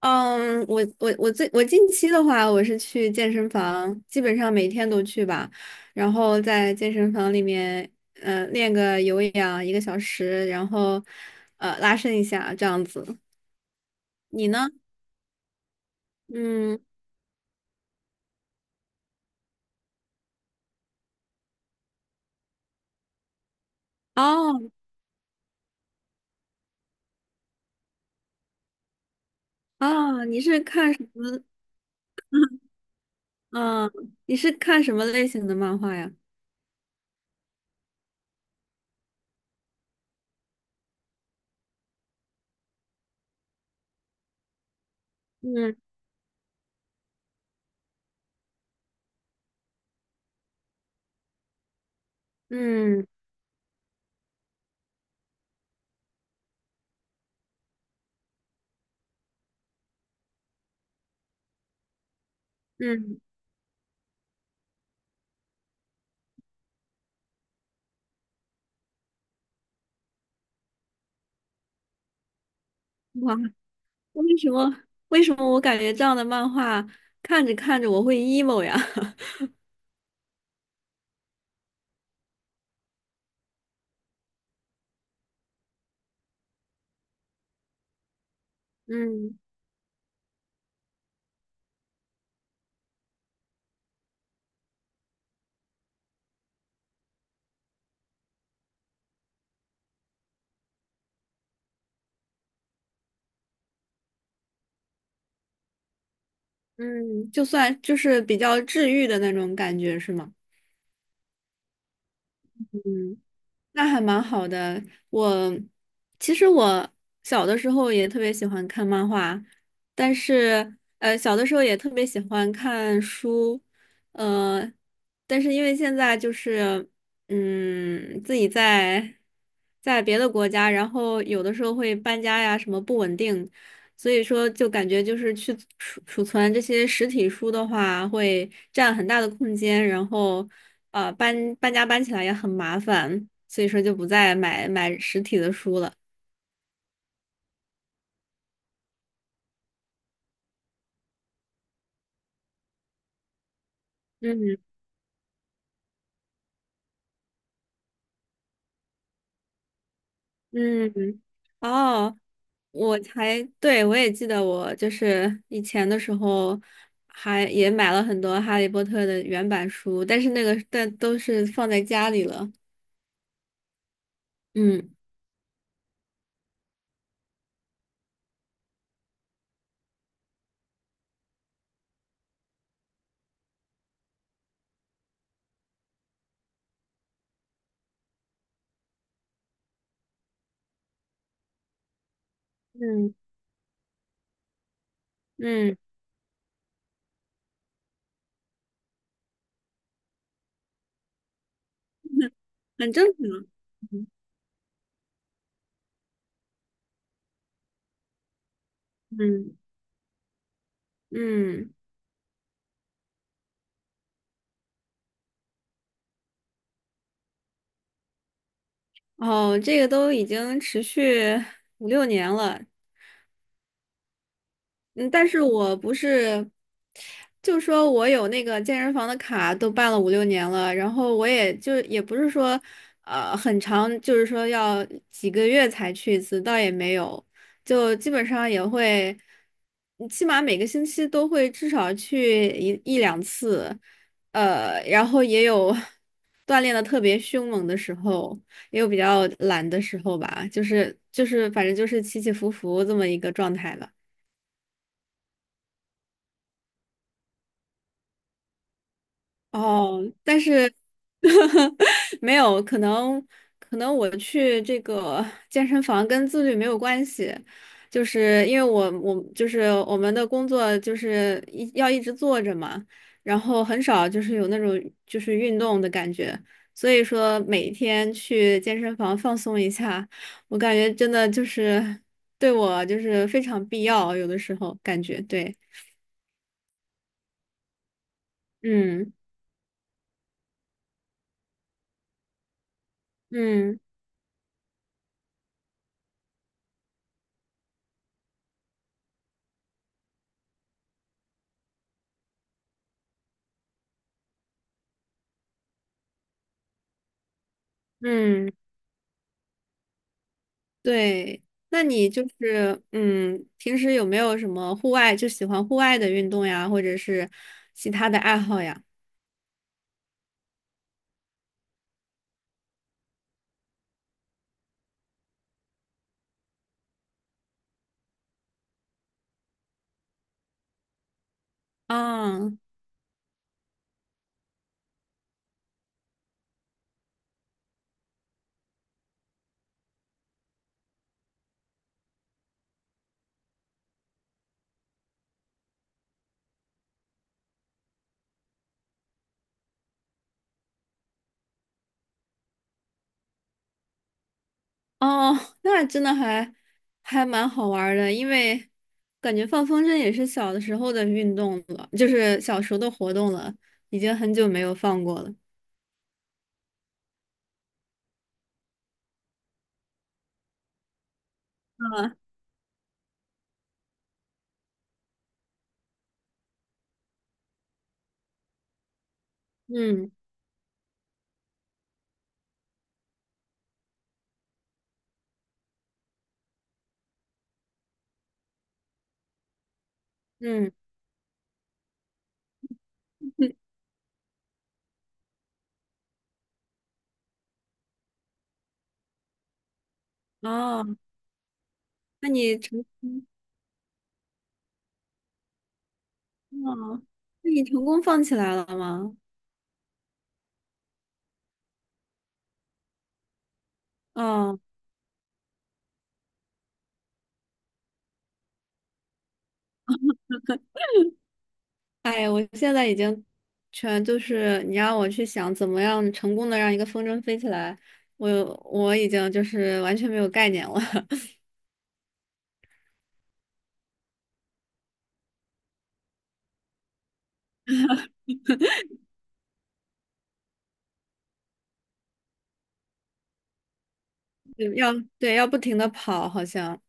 嗯，我近期的话，我是去健身房，基本上每天都去吧，然后在健身房里面，练个有氧一个小时，然后拉伸一下这样子。你呢？嗯，哦，哦，你是看什么？嗯，你是看什么类型的漫画呀？嗯嗯嗯，哇，为什么我感觉这样的漫画看着看着我会 emo 呀？嗯嗯，就算就是比较治愈的那种感觉，是吗？嗯，那还蛮好的。我其实我小的时候也特别喜欢看漫画，但是小的时候也特别喜欢看书，呃，但是因为现在就是嗯，自己在别的国家，然后有的时候会搬家呀，什么不稳定，所以说就感觉就是去储存这些实体书的话，会占很大的空间，然后。呃，搬家搬起来也很麻烦，所以说就不再买实体的书了。嗯嗯，哦，我还，对，我也记得我就是以前的时候还也买了很多《哈利波特》的原版书，但是那个但都是放在家里了。嗯嗯嗯，很正常。嗯嗯嗯，哦，这个都已经持续五六年了。嗯，但是我不是，就说我有那个健身房的卡，都办了五六年了，然后我也就也不是说，呃，很长，就是说要几个月才去一次，倒也没有，就基本上也会，嗯起码每个星期都会至少去一两次，然后也有 锻炼的特别凶猛的时候，也有比较懒的时候吧，就是反正就是起起伏伏这么一个状态吧。哦，但是 没有，可能我去这个 健身房跟自律没有关系，就是因为我就是我们的工作就是要一直坐着嘛，然后很少就是有那种就是运动的感觉，所以说每天去健身房放松一下，我感觉真的就是对我就是非常必要，有的时候感觉对，嗯嗯嗯。对，那你就是嗯，平时有没有什么户外就喜欢户外的运动呀，或者是其他的爱好呀？啊，哦，那真的还还蛮好玩儿的，因为感觉放风筝也是小的时候的运动了，就是小时候的活动了，已经很久没有放过了。啊，嗯嗯，哦，那你成功，哦，那你成功放起来了吗？哦。哎呀，我现在已经全就是你让我去想怎么样成功的让一个风筝飞起来，我我已经就是完全没有概念了，要对要不停的跑，好像。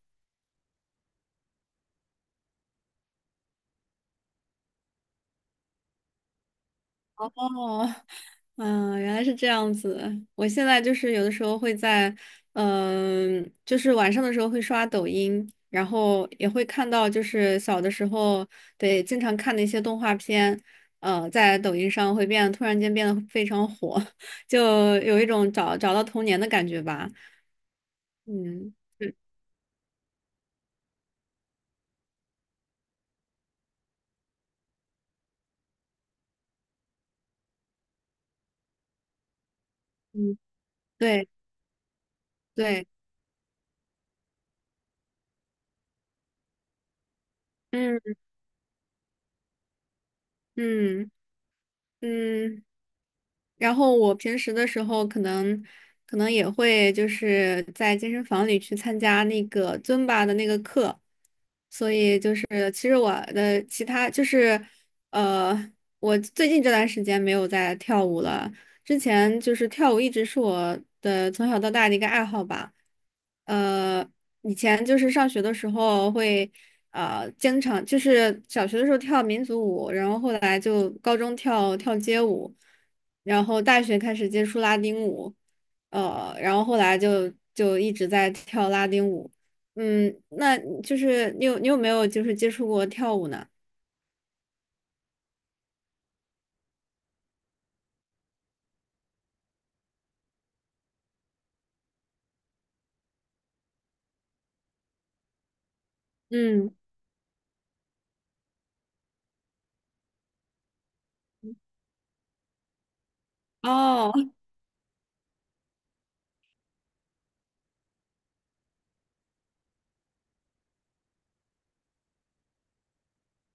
哦，嗯，原来是这样子。我现在就是有的时候会在，嗯、就是晚上的时候会刷抖音，然后也会看到，就是小的时候对经常看的一些动画片，呃，在抖音上会变，突然间变得非常火，就有一种找到童年的感觉吧。嗯，嗯嗯，对对，嗯嗯嗯。然后我平时的时候，可能也会就是在健身房里去参加那个尊巴的那个课，所以就是其实我的其他就是呃，我最近这段时间没有在跳舞了，之前就是跳舞一直是我的从小到大的一个爱好吧。呃，以前就是上学的时候会，啊，经常就是小学的时候跳民族舞，然后后来就高中跳街舞，然后大学开始接触拉丁舞，呃，然后后来就一直在跳拉丁舞。嗯，那就是你有没有就是接触过跳舞呢？嗯，哦，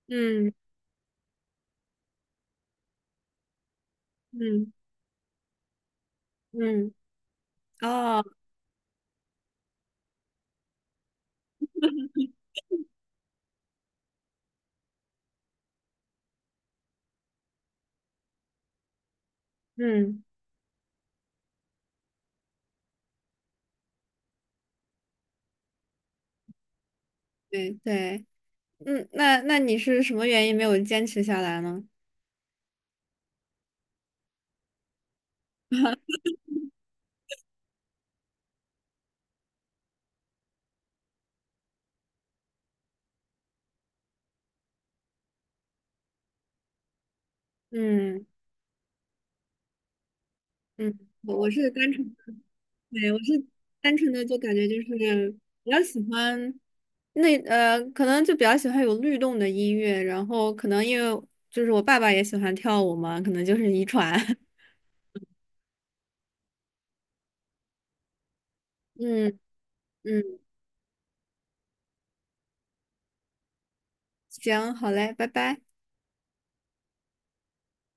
嗯嗯嗯，哦，嗯。对对，嗯，那那你是什么原因没有坚持下来呢？嗯嗯，我是单纯的，对，我是单纯的就感觉就是比较喜欢那可能就比较喜欢有律动的音乐，然后可能因为就是我爸爸也喜欢跳舞嘛，可能就是遗传。嗯嗯，行，好嘞，拜拜。